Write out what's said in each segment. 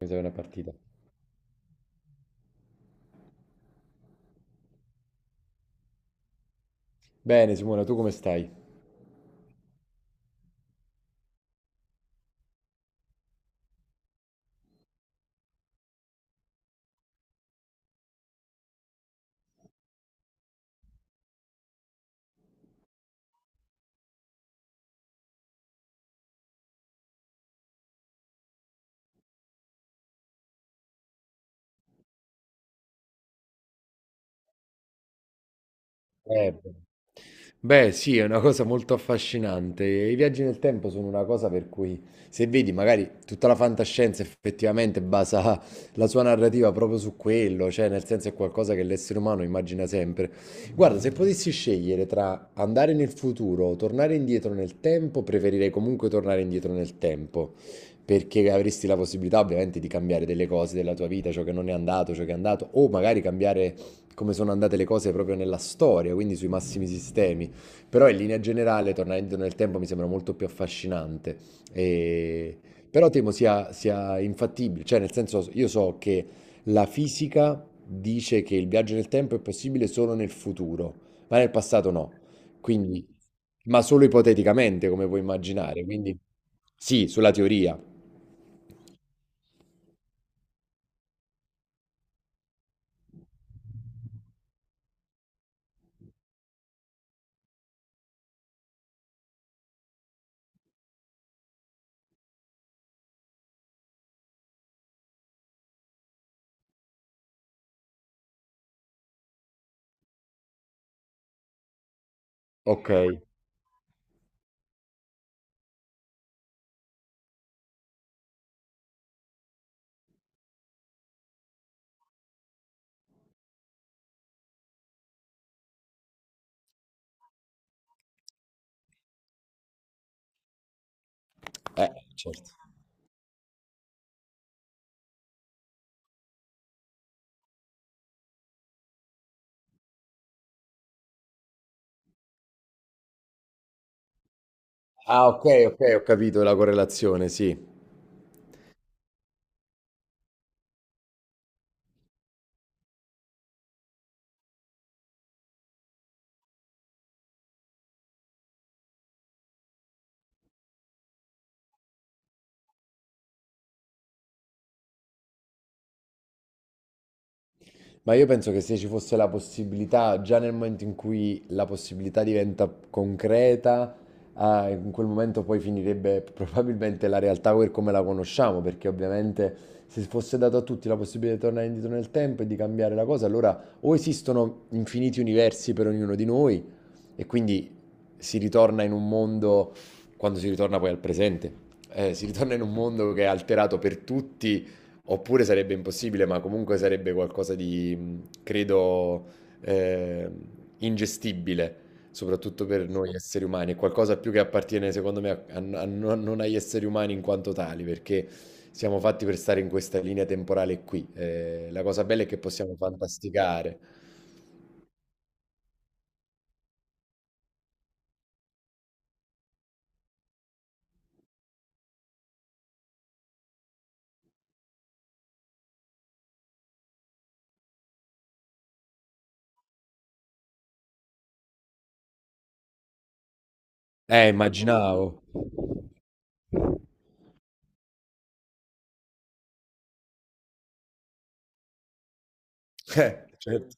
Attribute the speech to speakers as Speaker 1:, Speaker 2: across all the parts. Speaker 1: Mi serve una partita. Bene, Simona, tu come stai? Bene. Beh, sì, è una cosa molto affascinante. I viaggi nel tempo sono una cosa per cui, se vedi, magari tutta la fantascienza effettivamente basa la sua narrativa proprio su quello, cioè nel senso è qualcosa che l'essere umano immagina sempre. Guarda, se potessi scegliere tra andare nel futuro o tornare indietro nel tempo, preferirei comunque tornare indietro nel tempo, perché avresti la possibilità ovviamente di cambiare delle cose della tua vita, ciò che non è andato, ciò che è andato, o magari cambiare come sono andate le cose proprio nella storia, quindi sui massimi sistemi. Però in linea generale, tornare indietro nel tempo mi sembra molto più affascinante. E- Però temo sia infattibile, cioè nel senso io so che la fisica dice che il viaggio nel tempo è possibile solo nel futuro, ma nel passato no. Quindi, ma solo ipoteticamente, come puoi immaginare. Quindi sì, sulla teoria. Ok. Certo. Ah, ok, ok, ho capito la correlazione, sì. Ma io penso che se ci fosse la possibilità, già nel momento in cui la possibilità diventa concreta, ah, in quel momento poi finirebbe probabilmente la realtà per come la conosciamo, perché ovviamente se fosse dato a tutti la possibilità di tornare indietro nel tempo e di cambiare la cosa, allora o esistono infiniti universi per ognuno di noi e quindi si ritorna in un mondo, quando si ritorna poi al presente, si ritorna in un mondo che è alterato per tutti. Oppure sarebbe impossibile, ma comunque sarebbe qualcosa di, mhmm, credo, ehm, ingestibile, soprattutto per noi esseri umani. È qualcosa più che appartiene, secondo me, a non agli esseri umani in quanto tali, perché siamo fatti per stare in questa linea temporale qui. La cosa bella è che possiamo fantasticare. Immaginavo. Certo.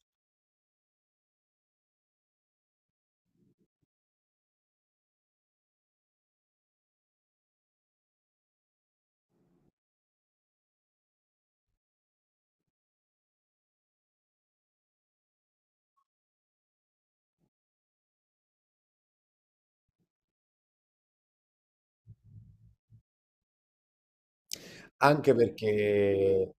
Speaker 1: Anche perché,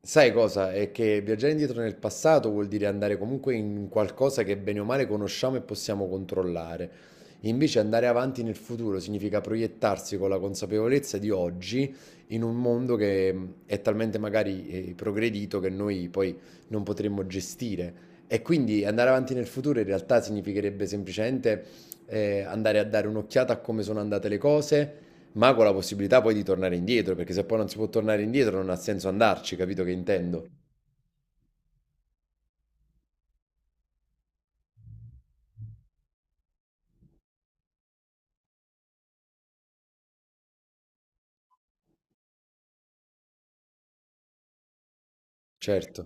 Speaker 1: sai cosa? È che viaggiare indietro nel passato vuol dire andare comunque in qualcosa che bene o male conosciamo e possiamo controllare. Invece andare avanti nel futuro significa proiettarsi con la consapevolezza di oggi in un mondo che è talmente magari progredito che noi poi non potremmo gestire. E quindi andare avanti nel futuro in realtà significherebbe semplicemente andare a dare un'occhiata a come sono andate le cose ma con la possibilità poi di tornare indietro, perché se poi non si può tornare indietro non ha senso andarci, capito che intendo? Certo.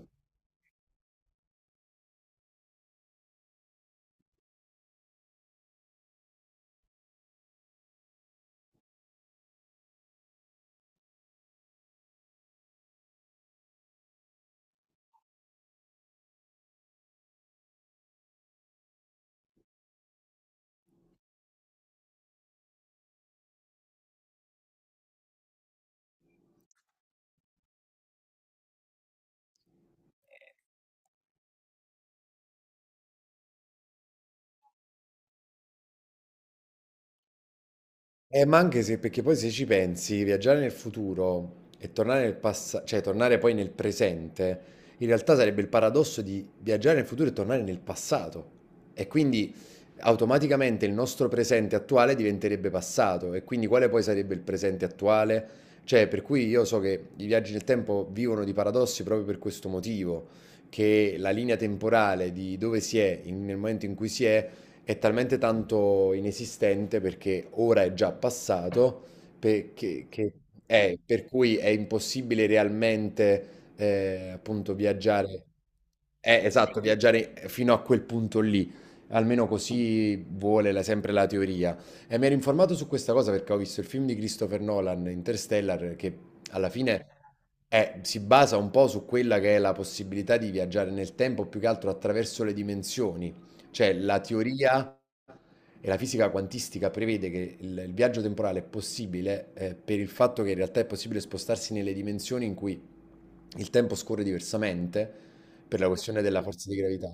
Speaker 1: Ma anche se, perché poi se ci pensi, viaggiare nel futuro e tornare nel passato, cioè tornare poi nel presente, in realtà sarebbe il paradosso di viaggiare nel futuro e tornare nel passato. E quindi automaticamente il nostro presente attuale diventerebbe passato. E quindi quale poi sarebbe il presente attuale? Cioè, per cui io so che i viaggi nel tempo vivono di paradossi proprio per questo motivo, che la linea temporale di dove si è nel momento in cui si è talmente tanto inesistente perché ora è già passato, perché, che è, per cui è impossibile realmente appunto viaggiare, esatto, viaggiare fino a quel punto lì, almeno così vuole sempre la teoria. E mi ero informato su questa cosa perché ho visto il film di Christopher Nolan, Interstellar, che alla fine si basa un po' su quella che è la possibilità di viaggiare nel tempo, più che altro attraverso le dimensioni. Cioè, la teoria e la fisica quantistica prevede che il viaggio temporale è possibile per il fatto che in realtà è possibile spostarsi nelle dimensioni in cui il tempo scorre diversamente per la questione della forza di gravità.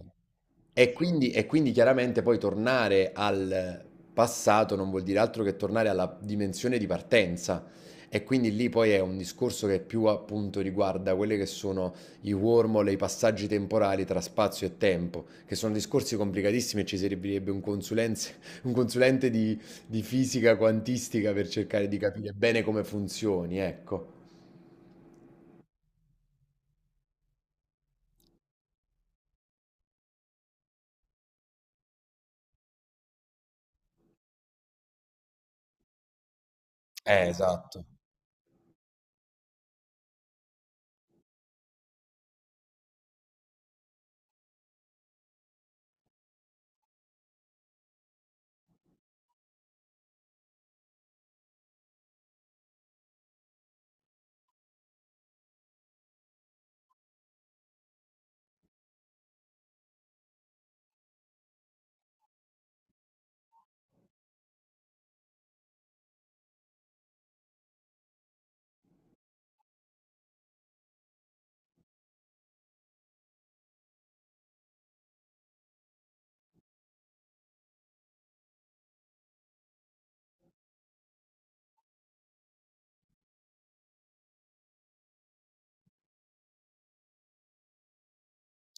Speaker 1: E quindi chiaramente poi tornare al passato non vuol dire altro che tornare alla dimensione di partenza. E quindi lì poi è un discorso che più appunto riguarda quelli che sono i wormhole, i passaggi temporali tra spazio e tempo, che sono discorsi complicatissimi e ci servirebbe un, un consulente di fisica quantistica per cercare di capire bene come funzioni, ecco. Esatto.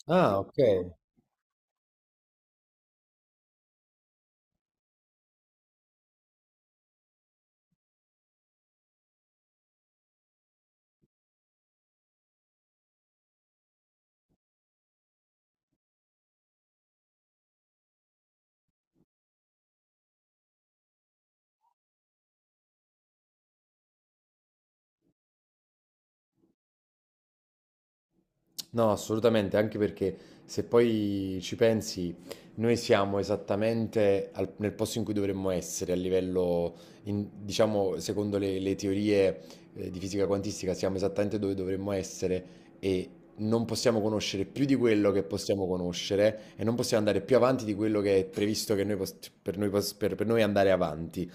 Speaker 1: Ah, ok. No, assolutamente, anche perché se poi ci pensi, noi siamo esattamente nel posto in cui dovremmo essere a livello, in- diciamo, secondo le teorie di fisica quantistica, siamo esattamente dove dovremmo essere e non possiamo conoscere più di quello che possiamo conoscere e non possiamo andare più avanti di quello che è previsto che noi per noi, per noi andare avanti.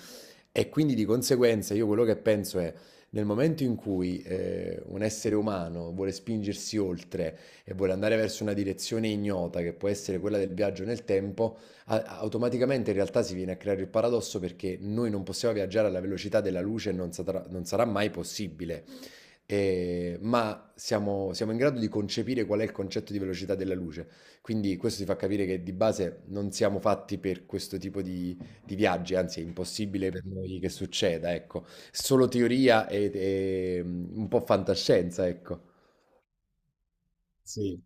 Speaker 1: E quindi di conseguenza io quello che penso è, nel momento in cui un essere umano vuole spingersi oltre e vuole andare verso una direzione ignota, che può essere quella del viaggio nel tempo, automaticamente in realtà si viene a creare il paradosso perché noi non possiamo viaggiare alla velocità della luce e non sarà mai possibile ma siamo, siamo in grado di concepire qual è il concetto di velocità della luce. Quindi questo ti fa capire che di base non siamo fatti per questo tipo di viaggi, anzi è impossibile per noi che succeda, ecco. Solo teoria e, mm, un po' fantascienza, ecco. Sì.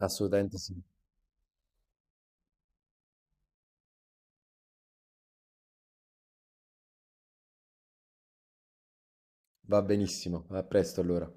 Speaker 1: Assolutamente sì. Va benissimo, a presto allora.